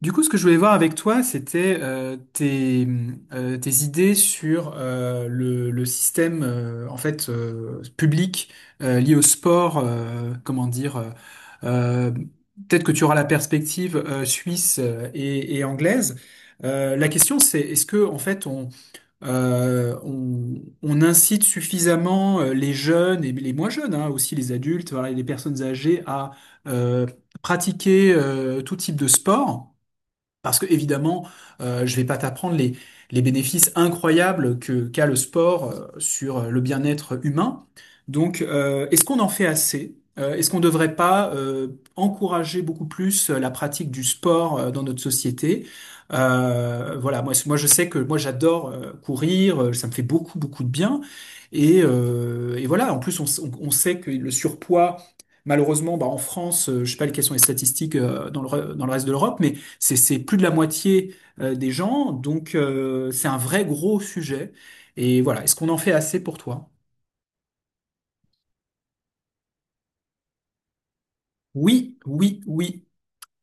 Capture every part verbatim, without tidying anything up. Du coup, ce que je voulais voir avec toi, c'était euh, tes, euh, tes idées sur euh, le, le système euh, en fait euh, public euh, lié au sport. Euh, comment dire, euh, euh, peut-être que tu auras la perspective euh, suisse euh, et, et anglaise. Euh, la question, c'est est-ce que en fait on, euh, on, on incite suffisamment euh, les jeunes et les moins jeunes, hein, aussi les adultes, voilà, et les personnes âgées à euh, pratiquer euh, tout type de sport? Parce que évidemment, euh, je vais pas t'apprendre les, les bénéfices incroyables que qu'a le sport euh, sur euh, le bien-être humain. Donc, euh, est-ce qu'on en fait assez? Euh, est-ce qu'on ne devrait pas euh, encourager beaucoup plus euh, la pratique du sport euh, dans notre société? Euh, voilà, moi, moi je sais que moi j'adore euh, courir, euh, ça me fait beaucoup beaucoup de bien. Et, euh, et voilà, en plus on, s- on- on sait que le surpoids, malheureusement, bah, en France, euh, je sais pas quelles sont les statistiques euh, dans le, re- dans le reste de l'Europe, mais c'est c'est plus de la moitié euh, des gens, donc euh, c'est un vrai gros sujet. Et voilà, est-ce qu'on en fait assez pour toi? Oui, oui, oui.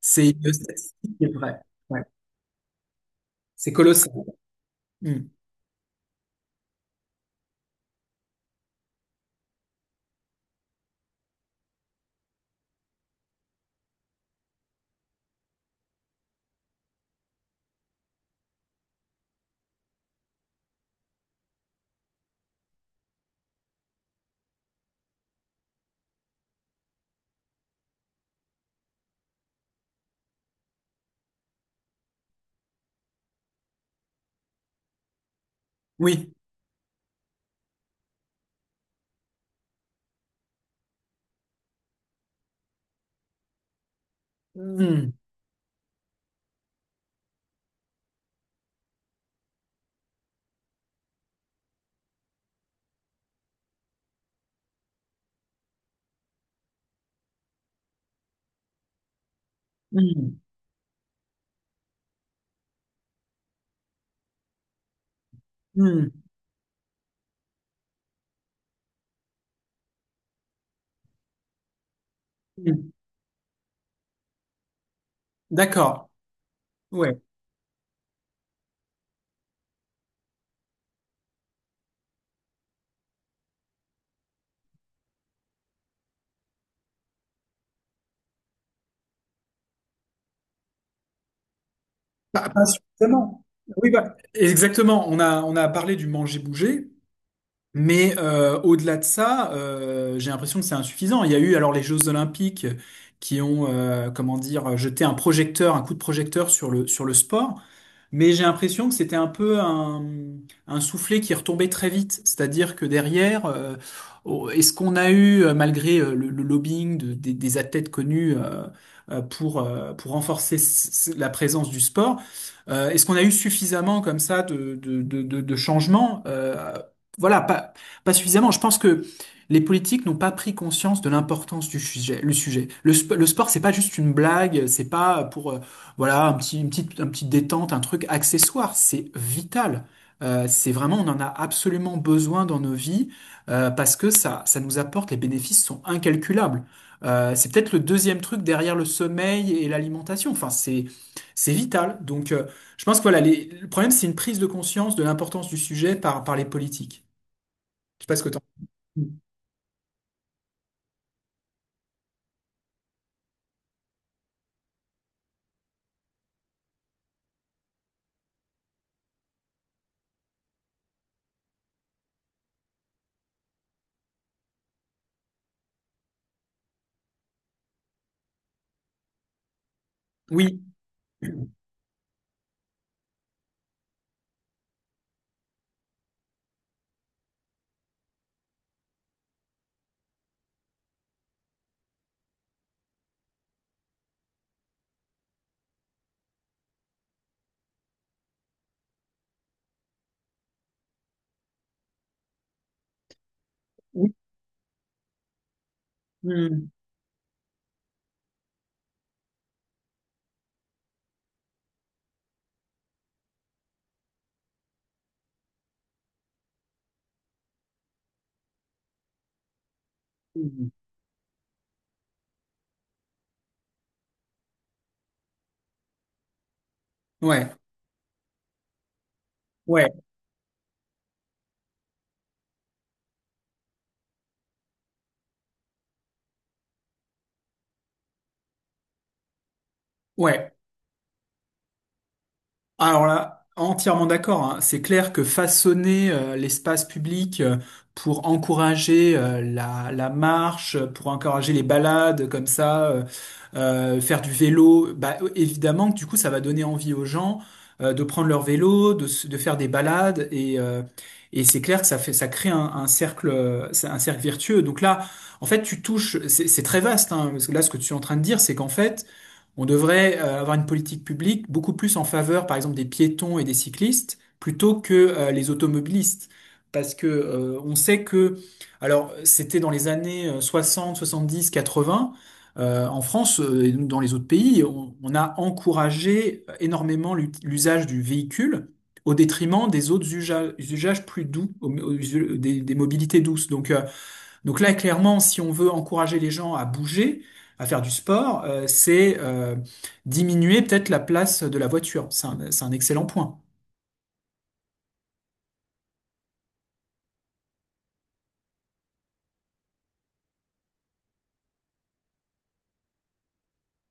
C'est une statistique qui est vraie. Ouais. C'est colossal. Hmm. Oui. Hmm. Hmm. Hmm. Hmm. D'accord. Ouais. Pas, pas suffisamment. Oui, bah, exactement. On a, on a parlé du manger-bouger. Mais euh, au-delà de ça, euh, j'ai l'impression que c'est insuffisant. Il y a eu alors les Jeux Olympiques qui ont, euh, comment dire, jeté un projecteur, un coup de projecteur sur le sur le sport. Mais j'ai l'impression que c'était un peu un, un soufflet qui retombait très vite. C'est-à-dire que derrière, euh, oh, est-ce qu'on a eu, euh, malgré euh, le, le lobbying de- des, des athlètes connus euh, euh, pour, euh, pour renforcer s- s- la présence du sport, euh, est-ce qu'on a eu suffisamment comme ça de, de, de, de, de changements? Euh, voilà, pas, pas suffisamment. Je pense que les politiques n'ont pas pris conscience de l'importance du sujet, le sujet. Le, sp- le sport, c'est pas juste une blague, c'est pas pour, euh, voilà, un petit, une petite, un petit détente, un truc accessoire. C'est vital. Euh, c'est vraiment, on en a absolument besoin dans nos vies euh, parce que ça, ça nous apporte, les bénéfices sont incalculables. Euh, c'est peut-être le deuxième truc derrière le sommeil et l'alimentation. Enfin, c'est, c'est vital. Donc, euh, je pense que voilà, les- le problème, c'est une prise de conscience de l'importance du sujet par, par les politiques. Je sais pas ce que t'en... Oui. Oui. Mm. Ouais. Ouais. Ouais. Alors là, entièrement d'accord, hein. C'est clair que façonner euh, l'espace public euh, pour encourager euh, la, la marche, euh, pour encourager les balades comme ça, euh, euh, faire du vélo, bah euh, évidemment que du coup ça va donner envie aux gens euh, de prendre leur vélo, de, se- de faire des balades et euh, et c'est clair que ça fait ça crée un, un cercle euh, c'est un cercle vertueux. Donc là, en fait, tu touches, c'est c'est très vaste, hein, parce que là ce que tu es en train de dire, c'est qu'en fait on devrait euh, avoir une politique publique beaucoup plus en faveur, par exemple, des piétons et des cyclistes, plutôt que euh, les automobilistes. Parce que euh, on sait que, alors c'était dans les années euh, soixante, soixante-dix, quatre-vingt, euh, en France euh, et dans les autres pays, on, on a encouragé énormément l'ut- l'usage du véhicule au détriment des autres usa- usages, plus doux, aux- aux- us- des, des mobilités douces. Donc, euh, donc là, clairement, si on veut encourager les gens à bouger, à faire du sport, euh, c'est euh, diminuer peut-être la place de la voiture. C'est un, c'est un excellent point.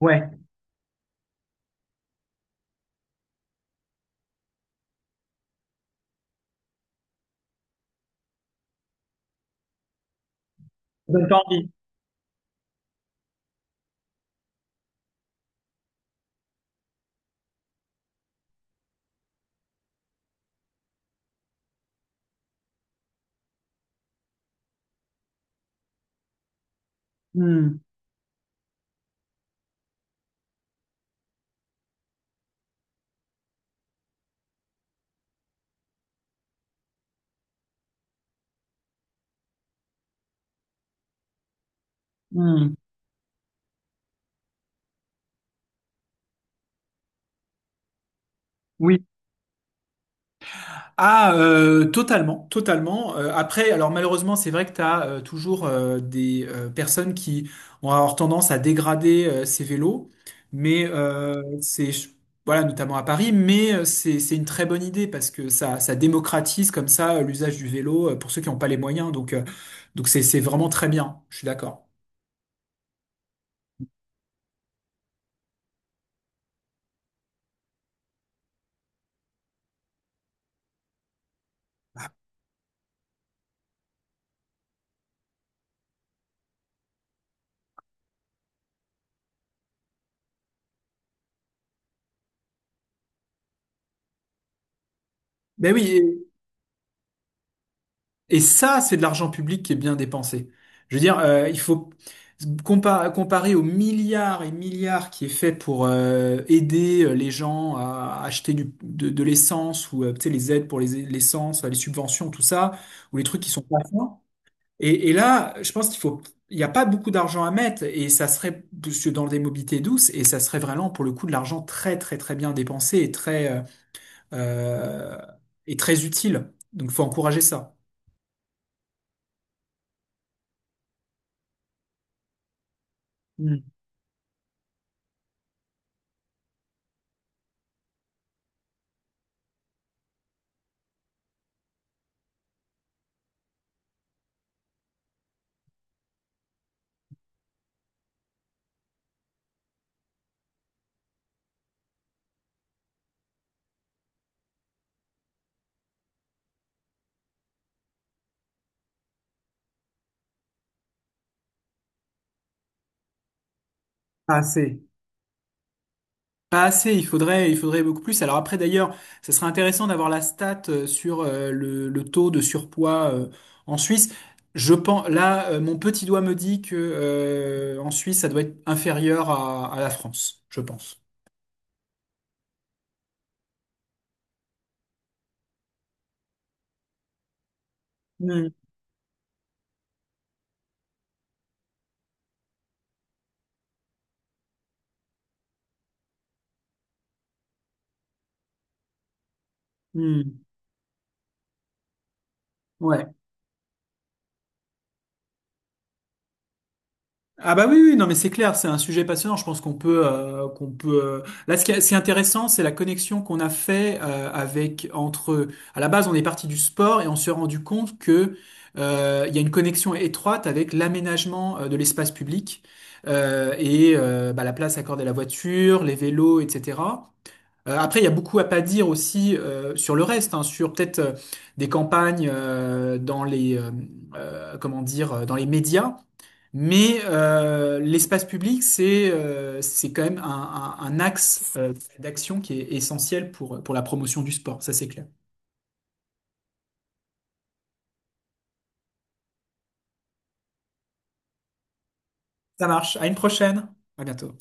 Ouais, ça donne pas envie. Hmm, hmm. Oui. Ah, euh, totalement, totalement. Euh, après, alors malheureusement, c'est vrai que tu as toujours euh, des euh, personnes qui ont avoir tendance à dégrader euh, ces vélos, mais euh, c'est voilà, notamment à Paris, mais euh, c'est c'est une très bonne idée parce que ça ça démocratise comme ça euh, l'usage du vélo euh, pour ceux qui n'ont pas les moyens. Donc euh, donc c'est c'est vraiment très bien. Je suis d'accord. Ben oui, Et ça, c'est de l'argent public qui est bien dépensé. Je veux dire, euh, il faut compa- comparer aux milliards et milliards qui est fait pour euh, aider euh, les gens à acheter du, de, de l'essence ou euh, tu sais, les aides pour les l'essence, les subventions, tout ça, ou les trucs qui sont pas fins. Et, et là, je pense qu'il faut, il n'y a pas beaucoup d'argent à mettre et ça serait parce que dans des mobilités douces et ça serait vraiment pour le coup de l'argent très très très bien dépensé et très euh, euh, et très utile. Donc, faut encourager ça. Hmm. Assez. Pas assez, il faudrait, il faudrait beaucoup plus. Alors après, d'ailleurs, ça serait intéressant d'avoir la stat euh, sur euh, le, le taux de surpoids euh, en Suisse. Je pense, là, euh, mon petit doigt me dit que euh, en Suisse, ça doit être inférieur à, à la France, je pense. Hmm, hmm, ouais. Ah bah oui, oui, non mais c'est clair, c'est un sujet passionnant. Je pense qu'on peut, euh, qu'on peut. Euh, Là, ce qui est ce qui est intéressant, c'est la connexion qu'on a fait euh, avec entre. À la base, on est parti du sport et on s'est rendu compte que euh, il y a une connexion étroite avec l'aménagement euh, de l'espace public euh, et euh, bah, la place accordée à la voiture, les vélos, et cetera. Euh, après, il y a beaucoup à pas dire aussi euh, sur le reste, hein, sur peut-être euh, des campagnes euh, dans les euh, euh, comment dire euh, dans les médias mais euh, l'espace public, c'est euh, c'est quand même un, un- un axe euh, d'action qui est essentiel pour, pour la promotion du sport, ça c'est clair. Ça marche, à une prochaine, à bientôt.